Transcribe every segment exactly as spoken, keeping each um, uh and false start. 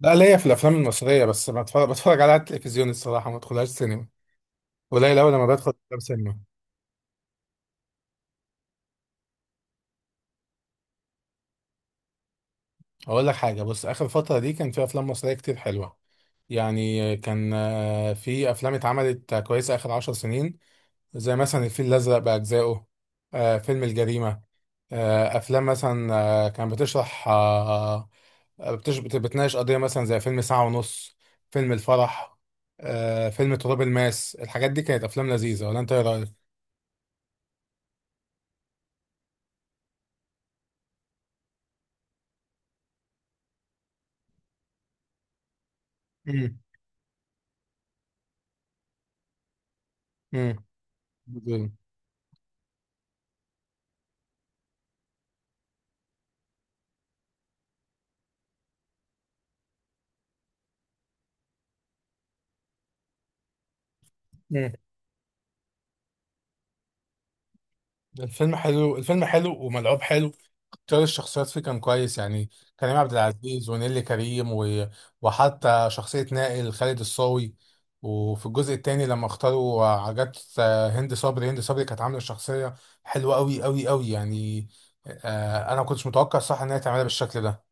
لا، ليا في الافلام المصريه بس ما بتفرج بتفرج على التلفزيون الصراحه، ما ادخلهاش سينما. قليل قوي لما بدخل افلام سينما. اقول لك حاجه، بص، اخر فتره دي كان في افلام مصريه كتير حلوه. يعني كان آه، في افلام اتعملت كويسه اخر عشر سنين، زي مثلا الفيل الازرق باجزائه، آه، فيلم الجريمه، آه، افلام مثلا، آه، كان بتشرح آه، آه، بتش- بت- بتناقش قضيه مثلا زي فيلم ساعه ونص، فيلم الفرح، آه، فيلم تراب الماس. الحاجات دي كانت افلام لذيذه، ولا انت ايه رايك؟ مم. جدا. مم. الفيلم حلو، الفيلم حلو وملعوب حلو. اختيار الشخصيات فيه كان كويس يعني، كريم عبد العزيز ونيلي كريم و... وحتى شخصية نائل، خالد الصاوي. وفي الجزء الثاني لما اختاروا، عجبت. هند صبري هند صبري كانت عاملة شخصية حلوة قوي قوي قوي يعني. آه، انا ما كنتش متوقع صح ان هي تعملها بالشكل ده.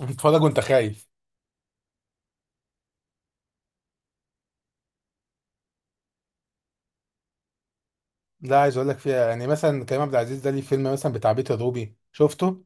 بتتفرج وانت خايف. لا، عايز اقول لك فيها يعني، مثلا كريم عبد العزيز ده ليه فيلم مثلا بتاع بيت الروبي، شفته؟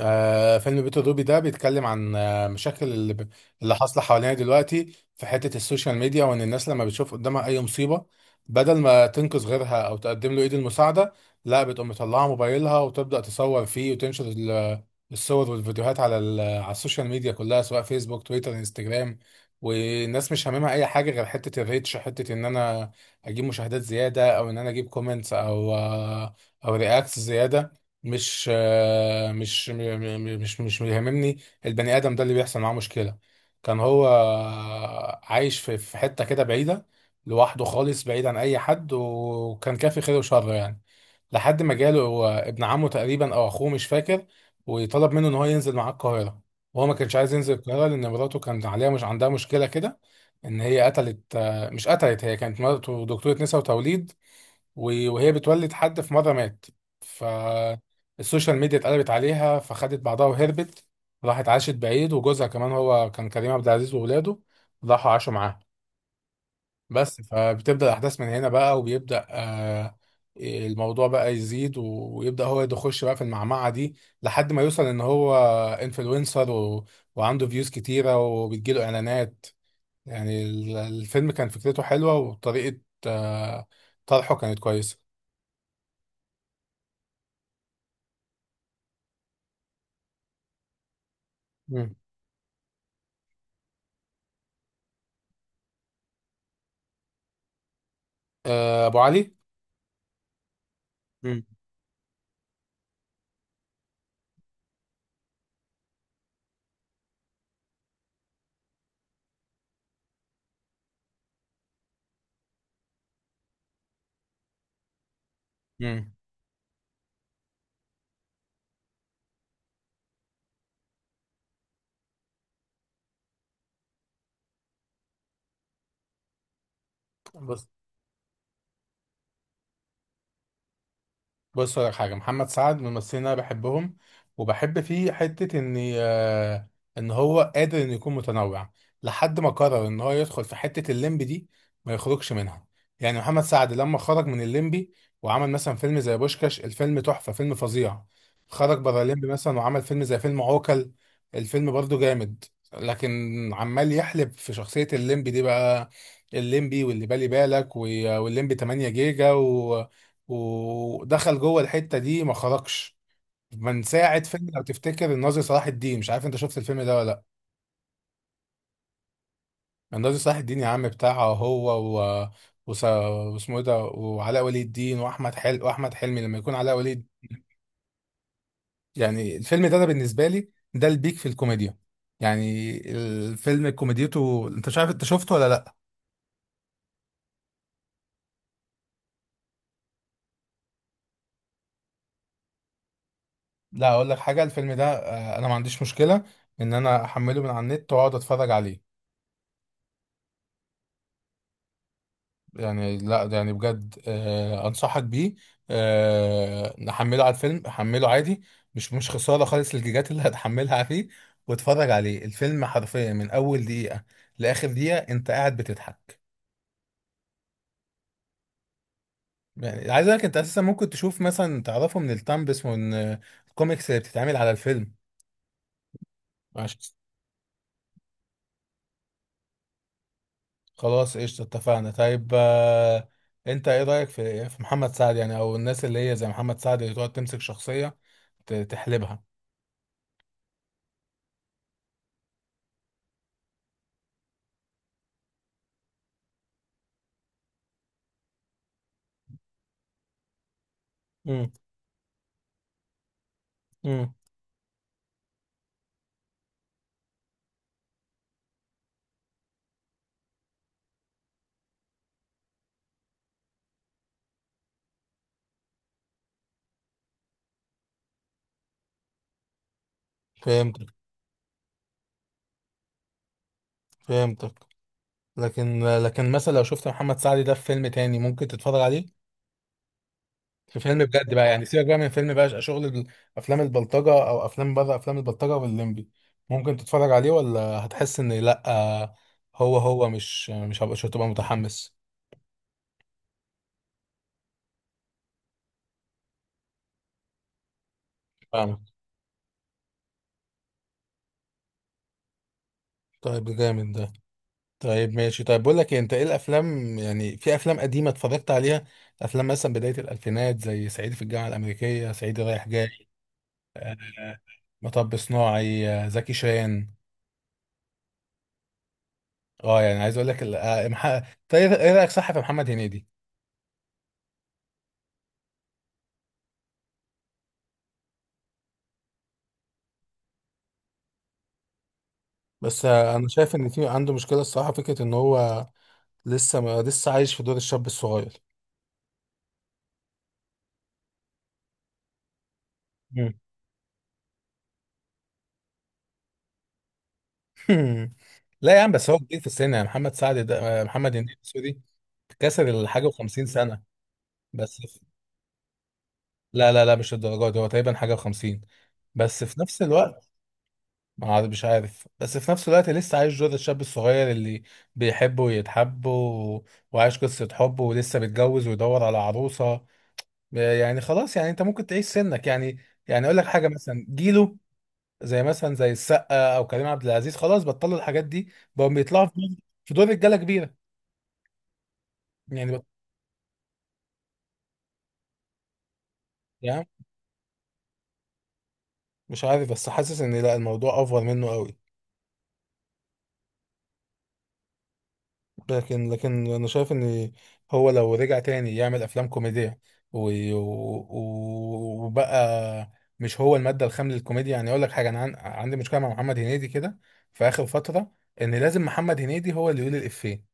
آه فيلم بيت الروبي ده بيتكلم عن آه مشاكل اللي, ب... اللي حاصله حوالينا دلوقتي في حته السوشيال ميديا، وان الناس لما بتشوف قدامها اي مصيبه، بدل ما تنقذ غيرها او تقدم له ايد المساعده، لا بتقوم مطلعه موبايلها وتبدا تصور فيه وتنشر ال- الصور والفيديوهات على ال... على السوشيال ميديا كلها، سواء فيسبوك، تويتر، انستجرام. والناس مش هاممها اي حاجه غير حته الريتش، حته ان انا اجيب مشاهدات زياده، او ان انا اجيب كومنتس، او آه، او رياكتس زياده. مش آه، مش م- م- مش مش بيهمني البني ادم ده اللي بيحصل معاه مشكله. كان هو آه، عايش في في حته كده بعيده، لوحده خالص، بعيد عن اي حد، وكان كافي خير وشر يعني، لحد ما جاله هو ابن عمه تقريبا او اخوه، مش فاكر. وطلب منه ان هو ينزل معاه القاهره، وهو ما كانش عايز ينزل القاهره لان مراته كان عليها، مش عندها مشكله كده، ان هي قتلت، آه، مش قتلت، هي كانت مراته دكتوره نساء وتوليد، و- وهي بتولد حد في مرة مات، فالسوشيال ميديا اتقلبت عليها، فخدت بعضها وهربت، راحت عاشت بعيد، وجوزها كمان، هو كان كريم عبد العزيز، وولاده راحوا عاشوا معاها. بس فبتبدأ الأحداث من هنا بقى، وبيبدأ آه، الموضوع بقى يزيد و- ويبدأ هو يخش بقى في المعمعة دي، لحد ما يوصل إن هو انفلونسر و... وعنده فيوز كتيرة وبتجيله إعلانات. يعني ال- الفيلم كان فكرته حلوة، وطريقة آه، طرحه كانت كويسة. مم. آه، ابو علي. مم. مم. بس بص لك حاجه، محمد سعد من الممثلين اللي انا بحبهم، وبحب فيه حته ان آه، ان هو قادر انه يكون متنوع، لحد ما قرر ان هو يدخل في حته الليمبي دي ما يخرجش منها. يعني محمد سعد لما خرج من الليمبي وعمل مثلا فيلم زي بوشكاش، الفيلم تحفه، فيلم فظيع. خرج بره الليمبي مثلا وعمل فيلم زي فيلم عوكل، الفيلم برضه جامد. لكن عمال يحلب في شخصيه الليمبي دي بقى، الليمبي واللي بالي بالك و- والليمبي تمانية جيجا، ودخل جوه الحته دي ما خرجش من ساعه فيلم، لو تفتكر الناظر صلاح الدين، مش عارف انت شفت الفيلم ده ولا لا. الناظر صلاح الدين يا عم بتاعه هو و... وس... واسمه ايه ده، وعلاء ولي الدين، واحمد حلمي، واحمد حلمي لما يكون علاء ولي. يعني الفيلم ده انا بالنسبه لي ده البيك في الكوميديا. يعني الفيلم كوميديته، انت مش عارف انت شفته ولا لا. لا، اقول لك حاجه، الفيلم ده آه، انا ما عنديش مشكله ان انا احمله من على النت واقعد اتفرج عليه. يعني لا، ده يعني بجد، آه انصحك بيه. آه نحمله على الفيلم، حمله عادي، مش مش خساره خالص الجيجات اللي هتحملها فيه. واتفرج عليه، الفيلم حرفيا من اول دقيقه لاخر دقيقه انت قاعد بتضحك. يعني عايز اقول لك، انت اساسا ممكن تشوف مثلا، تعرفه من التامبس ومن آه، الكوميكس اللي بتتعمل على الفيلم. ماشي. خلاص قشطه، اتفقنا. طيب، آه انت ايه رايك في في محمد سعد، يعني او الناس اللي هي زي محمد سعد اللي تقعد تمسك شخصيه ت- تحلبها؟ مم. مم. فهمتك. فهمتك. لكن لكن مثلا لو شفت محمد سعد ده في فيلم تاني ممكن تتفرج عليه؟ في فيلم بجد بقى، يعني سيبك بقى من فيلم بقى، شغل ال- افلام البلطجة، او افلام بره افلام البلطجة واللمبي، ممكن تتفرج عليه، ولا هتحس ان لا، هو هو مش مش هبقى- مش هتبقى متحمس؟ فاهمك. طيب، ده جامد ده. طيب ماشي، طيب بقول لك إيه، انت ايه الافلام، يعني في افلام قديمة اتفرجت عليها، افلام مثلا بداية الالفينات زي صعيدي في الجامعة الامريكية، صعيدي رايح جاي، آه، مطب صناعي، آه، زكي شان. اه، يعني عايز اقول لك ال- آه، مح- طيب، ايه إيه رايك صح في محمد هنيدي؟ بس آه، انا شايف ان في عنده مشكله الصراحه، فكره ان هو لسه ما لسه عايش في دور الشاب الصغير. مم. لا يا عم، بس هو كبير في السن، يعني محمد سعد ده، آه، محمد هنيدي، سوري، كسر الحاجه و50 سنه. بس في- لا لا لا، مش الدرجات دي، هو تقريبا حاجه و50. بس في نفس الوقت، ما عاد- مش عارف، بس في نفس الوقت لسه عايش دور الشاب الصغير، اللي بيحب ويتحب و... وعايش قصة حب، ولسه متجوز، ويدور على عروسة. يعني خلاص، يعني انت ممكن تعيش سنك يعني. يعني اقول لك حاجة، مثلا جيله، زي مثلا زي السقا او كريم عبد العزيز، خلاص بطلوا الحاجات دي، بقوا بيطلعوا في دور، في دور رجالة كبيرة. يعني بط... يعني مش عارف، بس حاسس ان لا، الموضوع افور منه قوي. لكن لكن انا شايف ان هو لو رجع تاني يعمل افلام كوميديا و- و- وبقى، مش هو الماده الخام للكوميديا. يعني اقول لك حاجه، انا عن- عندي مشكله مع محمد هنيدي كده في اخر فتره، ان لازم محمد هنيدي هو اللي يقول الافيه،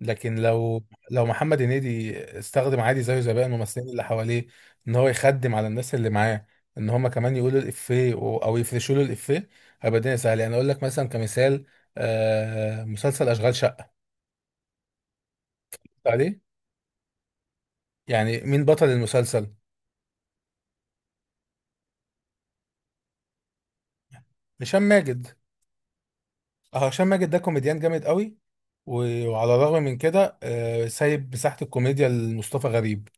لكن لو لو محمد هنيدي استخدم عادي زيه زي باقي الممثلين اللي حواليه، ان هو يخدم على الناس اللي معاه، ان هم كمان يقولوا الافيه و- او يفرشوا له الافيه، هيبقى الدنيا سهله. يعني اقول لك مثلا كمثال، آه، مسلسل اشغال شقه عليه. يعني مين بطل المسلسل؟ هشام ماجد. اه، هشام ماجد ده كوميديان جامد قوي، و- وعلى الرغم من كده آه، سايب مساحة الكوميديا لمصطفى غريب.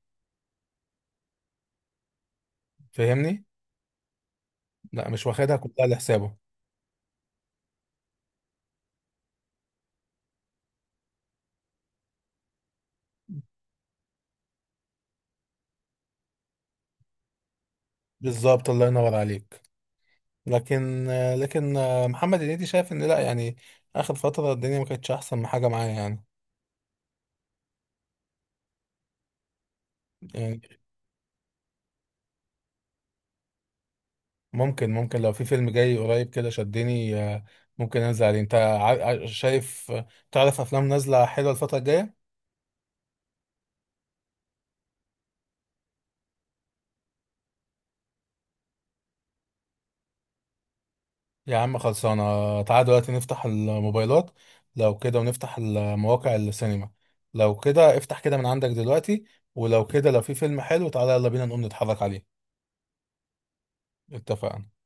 فاهمني؟ لا، مش واخدها كلها لحسابه. بالظبط، الله ينور عليك. لكن آه، لكن آه، محمد هنيدي شايف ان لا يعني، اخر فترة الدنيا ما كانتش احسن حاجة معايا يعني. يعني ممكن، ممكن لو في فيلم جاي قريب كده شدني، آه، ممكن انزل عليه. انت ع- ع- شايف، آه، تعرف افلام نازلة حلوة الفترة الجاية؟ يا عم خلصانة، تعال دلوقتي نفتح الموبايلات لو كده، ونفتح المواقع السينما لو كده. افتح كده من عندك دلوقتي، ولو كده، لو في فيلم حلو تعالى، يلا بينا نقوم نتحرك عليه. اتفقنا.